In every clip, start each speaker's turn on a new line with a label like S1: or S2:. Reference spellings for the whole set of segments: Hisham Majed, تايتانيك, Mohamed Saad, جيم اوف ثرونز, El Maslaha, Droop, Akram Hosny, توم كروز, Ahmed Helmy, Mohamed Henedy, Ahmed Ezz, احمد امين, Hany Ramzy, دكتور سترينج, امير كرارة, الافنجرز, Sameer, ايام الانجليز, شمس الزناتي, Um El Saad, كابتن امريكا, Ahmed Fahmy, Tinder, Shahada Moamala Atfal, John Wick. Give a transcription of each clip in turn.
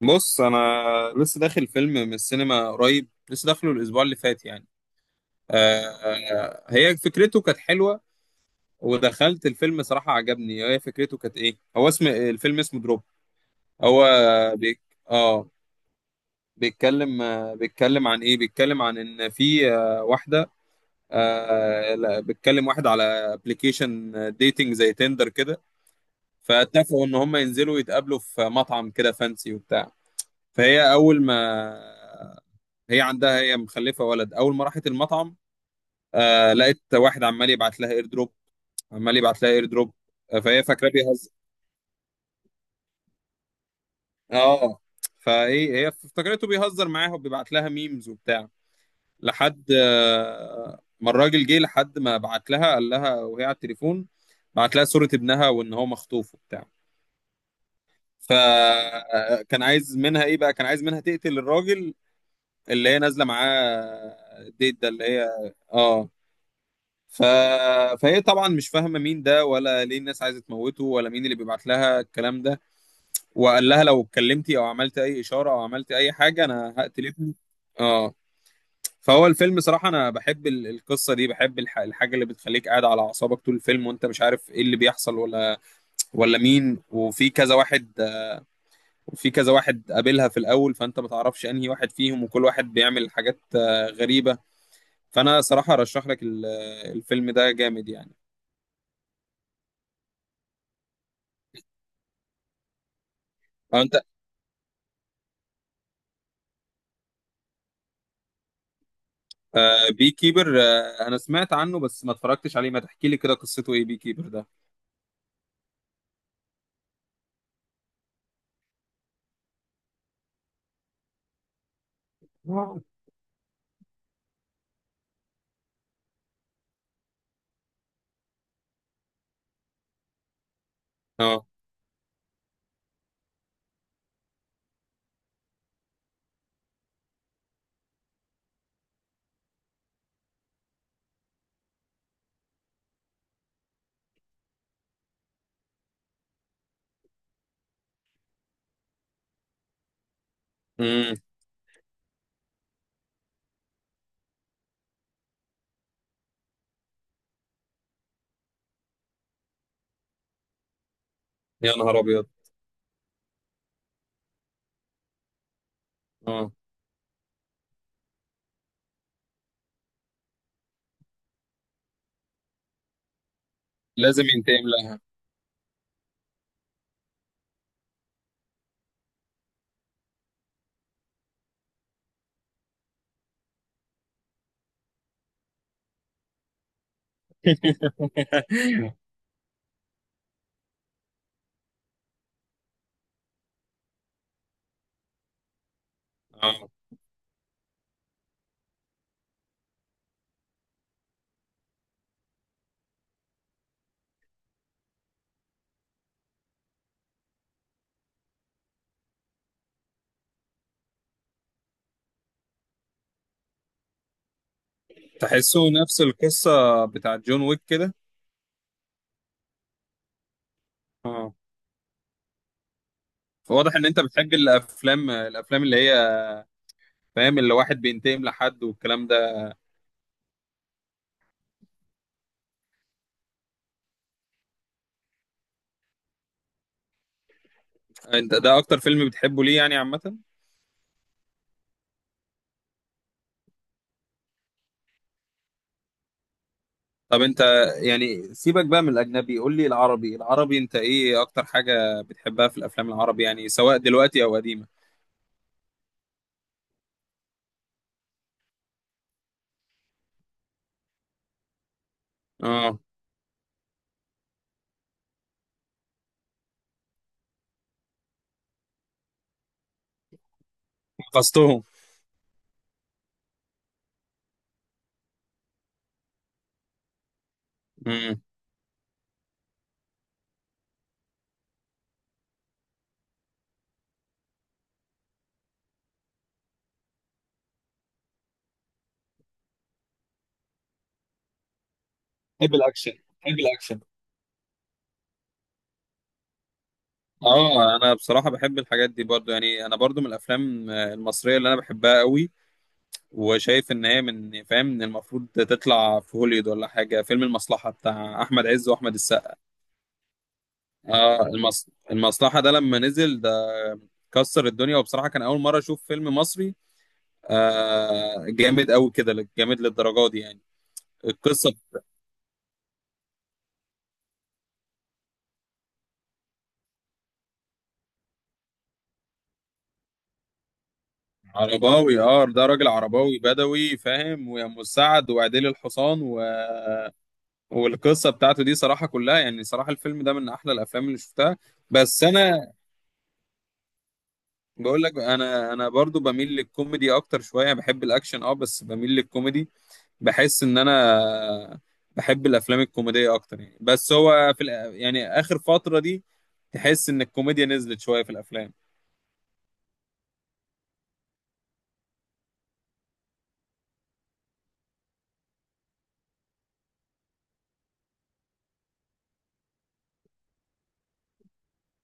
S1: بص انا لسه داخل فيلم من السينما قريب، لسه داخله الاسبوع اللي فات يعني. آه. هي فكرته كانت حلوه. ودخلت الفيلم صراحه عجبني، هي فكرته كانت ايه، هو اسم الفيلم اسمه دروب. هو بيك. اه بيتكلم بيتكلم عن ايه، بيتكلم عن ان في واحده. آه لا، بيتكلم واحد على ابلكيشن ديتنج زي تندر كده. فاتفقوا ان هم ينزلوا يتقابلوا في مطعم كده فانسي وبتاع. فهي اول ما هي عندها، هي مخلفه ولد، اول ما راحت المطعم لقيت واحد عمال يبعت لها اير دروب، عمال يبعت لها اير دروب. آه فهي فاكراه بيهزر. اه فايه هي افتكرته بيهزر معاها وبيبعت لها ميمز وبتاع، لحد ما الراجل جه، لحد ما بعت لها، قال لها وهي على التليفون، بعت لها صورة ابنها وان هو مخطوف وبتاع. فكان عايز منها ايه بقى، كان عايز منها تقتل الراجل اللي هي نازله معاه، الديت ده اللي هي. اه ف... فهي طبعا مش فاهمه مين ده، ولا ليه الناس عايزه تموته، ولا مين اللي بيبعت لها الكلام ده. وقال لها لو اتكلمتي او عملت اي اشاره او عملت اي حاجه انا هقتل ابني. اه فهو الفيلم صراحه انا بحب القصه دي، بحب الحاجه اللي بتخليك قاعد على اعصابك طول الفيلم وانت مش عارف ايه اللي بيحصل ولا ولا مين، وفي كذا واحد. وفي كذا واحد قابلها في الاول، فانت ما تعرفش انهي واحد فيهم، وكل واحد بيعمل حاجات غريبه. فانا صراحه ارشح لك الفيلم ده جامد يعني. انت. آه بي كيبر، آه انا سمعت عنه بس ما اتفرجتش عليه، ما تحكي لي كده قصته ايه بي كيبر ده. آه. اه. امم. يا نهار ابيض. اه لازم ينتقم لها. اه تحسه نفس القصة بتاعت جون ويك كده. اه فواضح ان انت بتحب الافلام، الافلام اللي هي فاهم، اللي واحد بينتقم لحد والكلام ده. انت ده اكتر فيلم بتحبه ليه يعني عامة؟ طب انت يعني سيبك بقى من الاجنبي، قول لي العربي، العربي انت ايه اكتر حاجة بتحبها في الافلام العربي يعني سواء دلوقتي او قديمة. اه حفظتهم. امم. بحب الاكشن، بحب الاكشن. اه انا بصراحة بحب الحاجات دي برضو يعني، انا برضو من الافلام المصرية اللي انا بحبها قوي، وشايف ان هي من، فاهم، ان المفروض تطلع في هوليوود ولا حاجة، فيلم المصلحة بتاع احمد عز واحمد السقا. اه المصلحة ده لما نزل ده كسر الدنيا، وبصراحة كان اول مرة اشوف فيلم مصري جامد قوي كده، جامد للدرجه دي يعني. القصه. عرباوي. اه ده راجل عرباوي بدوي فاهم، ويا ام السعد وعديل الحصان و... والقصه بتاعته دي صراحه كلها يعني، صراحه الفيلم ده من احلى الافلام اللي شفتها. بس انا بقول لك، انا برضو بميل للكوميدي اكتر شويه، بحب الاكشن اه بس بميل للكوميدي. بحس ان انا بحب الافلام الكوميديه اكتر يعني، بس هو في يعني اخر فتره دي تحس ان الكوميديا نزلت شويه في الافلام.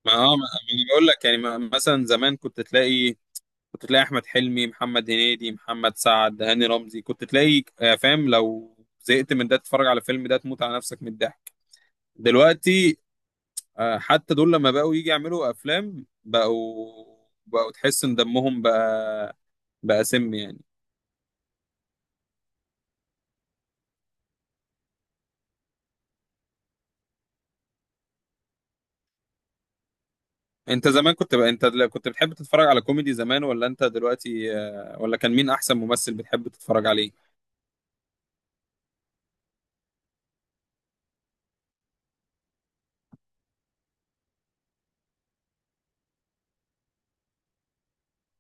S1: ما اه ما ما انا بقول لك يعني، مثلا زمان كنت تلاقي، كنت تلاقي احمد حلمي، محمد هنيدي، محمد سعد، هاني رمزي، كنت تلاقي، فاهم، لو زهقت من ده تتفرج على فيلم ده تموت على نفسك من الضحك. دلوقتي حتى دول لما بقوا يجي يعملوا افلام بقوا، تحس ان دمهم بقى، بقى سم يعني. انت زمان كنت بقى انت كنت بتحب تتفرج على كوميدي زمان ولا انت دلوقتي، ولا كان مين احسن ممثل بتحب تتفرج عليه؟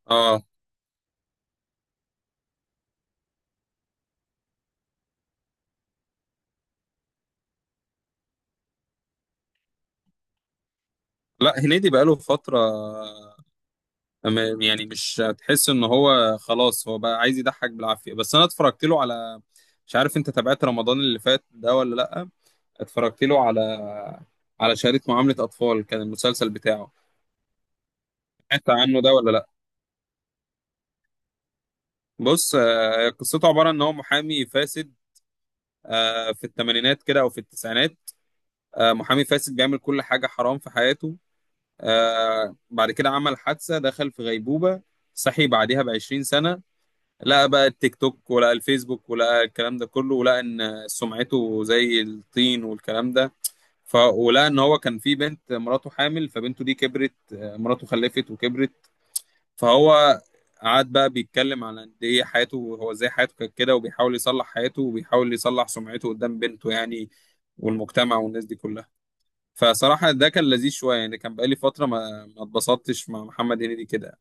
S1: اه لا هنيدي بقاله فترة، يعني مش هتحس ان هو خلاص هو بقى عايز يضحك بالعافيه، بس انا اتفرجت له على، مش عارف انت تابعت رمضان اللي فات ده ولا لا، اتفرجت له على، على شهاده معامله اطفال كان المسلسل بتاعه. سمعت عنه ده ولا لا؟ بص قصته عباره ان هو محامي فاسد في الثمانينات كده او في التسعينات، محامي فاسد بيعمل كل حاجه حرام في حياته. بعد كده عمل حادثه دخل في غيبوبه، صحي بعدها ب 20 سنه، لقى بقى التيك توك ولقى الفيسبوك ولقى الكلام ده كله، ولقى ان سمعته زي الطين والكلام ده. ف ولقى ان هو كان في بنت، مراته حامل، فبنته دي كبرت مراته خلفت وكبرت. فهو قعد بقى بيتكلم على قد ايه حياته، هو ازاي حياته كانت كده، وبيحاول يصلح حياته، وبيحاول يصلح سمعته قدام بنته يعني، والمجتمع والناس دي كلها. فصراحة ده كان لذيذ شوية يعني، كان بقالي فترة ما اتبسطتش مع محمد هنيدي كده.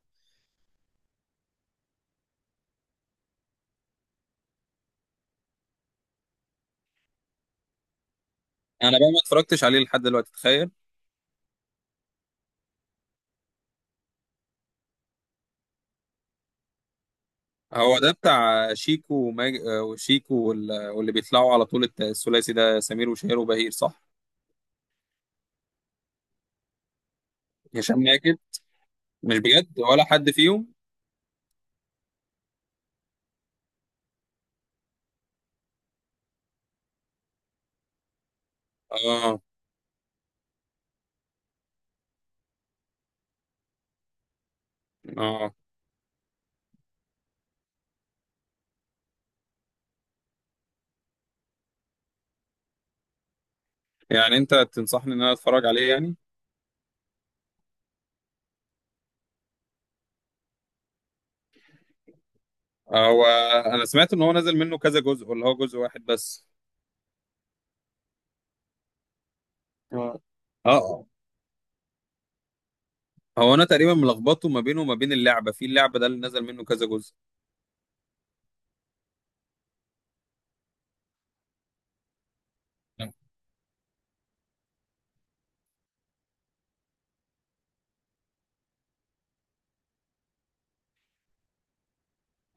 S1: أنا بقى ما اتفرجتش عليه لحد دلوقتي، تخيل. هو ده بتاع شيكو وماج... آه، وشيكو واللي بيطلعوا على طول، الثلاثي ده سمير وشهير وبهير صح؟ هشام ماجد؟ مش بجد ولا حد فيهم؟ اه. اه. يعني انت تنصحني ان انا اتفرج عليه يعني؟ هو انا سمعت ان هو نزل منه كذا جزء، ولا هو جزء واحد بس؟ آه. اه هو انا تقريبا ملخبطه ما بينه وما بين اللعبه، في اللعبه ده اللي نزل منه كذا جزء.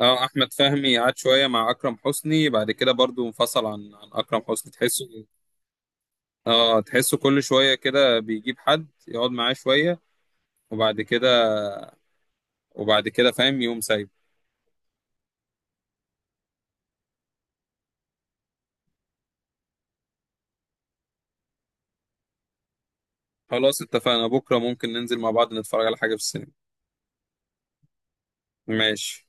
S1: اه احمد فهمي قعد شويه مع اكرم حسني، بعد كده برضو انفصل عن اكرم حسني، تحسه. اه تحسه كل شوية كده بيجيب حد يقعد معاه شوية، وبعد كده، وبعد كده فاهم يقوم سايب. خلاص اتفقنا، بكرة ممكن ننزل مع بعض نتفرج على حاجة في السينما. ماشي.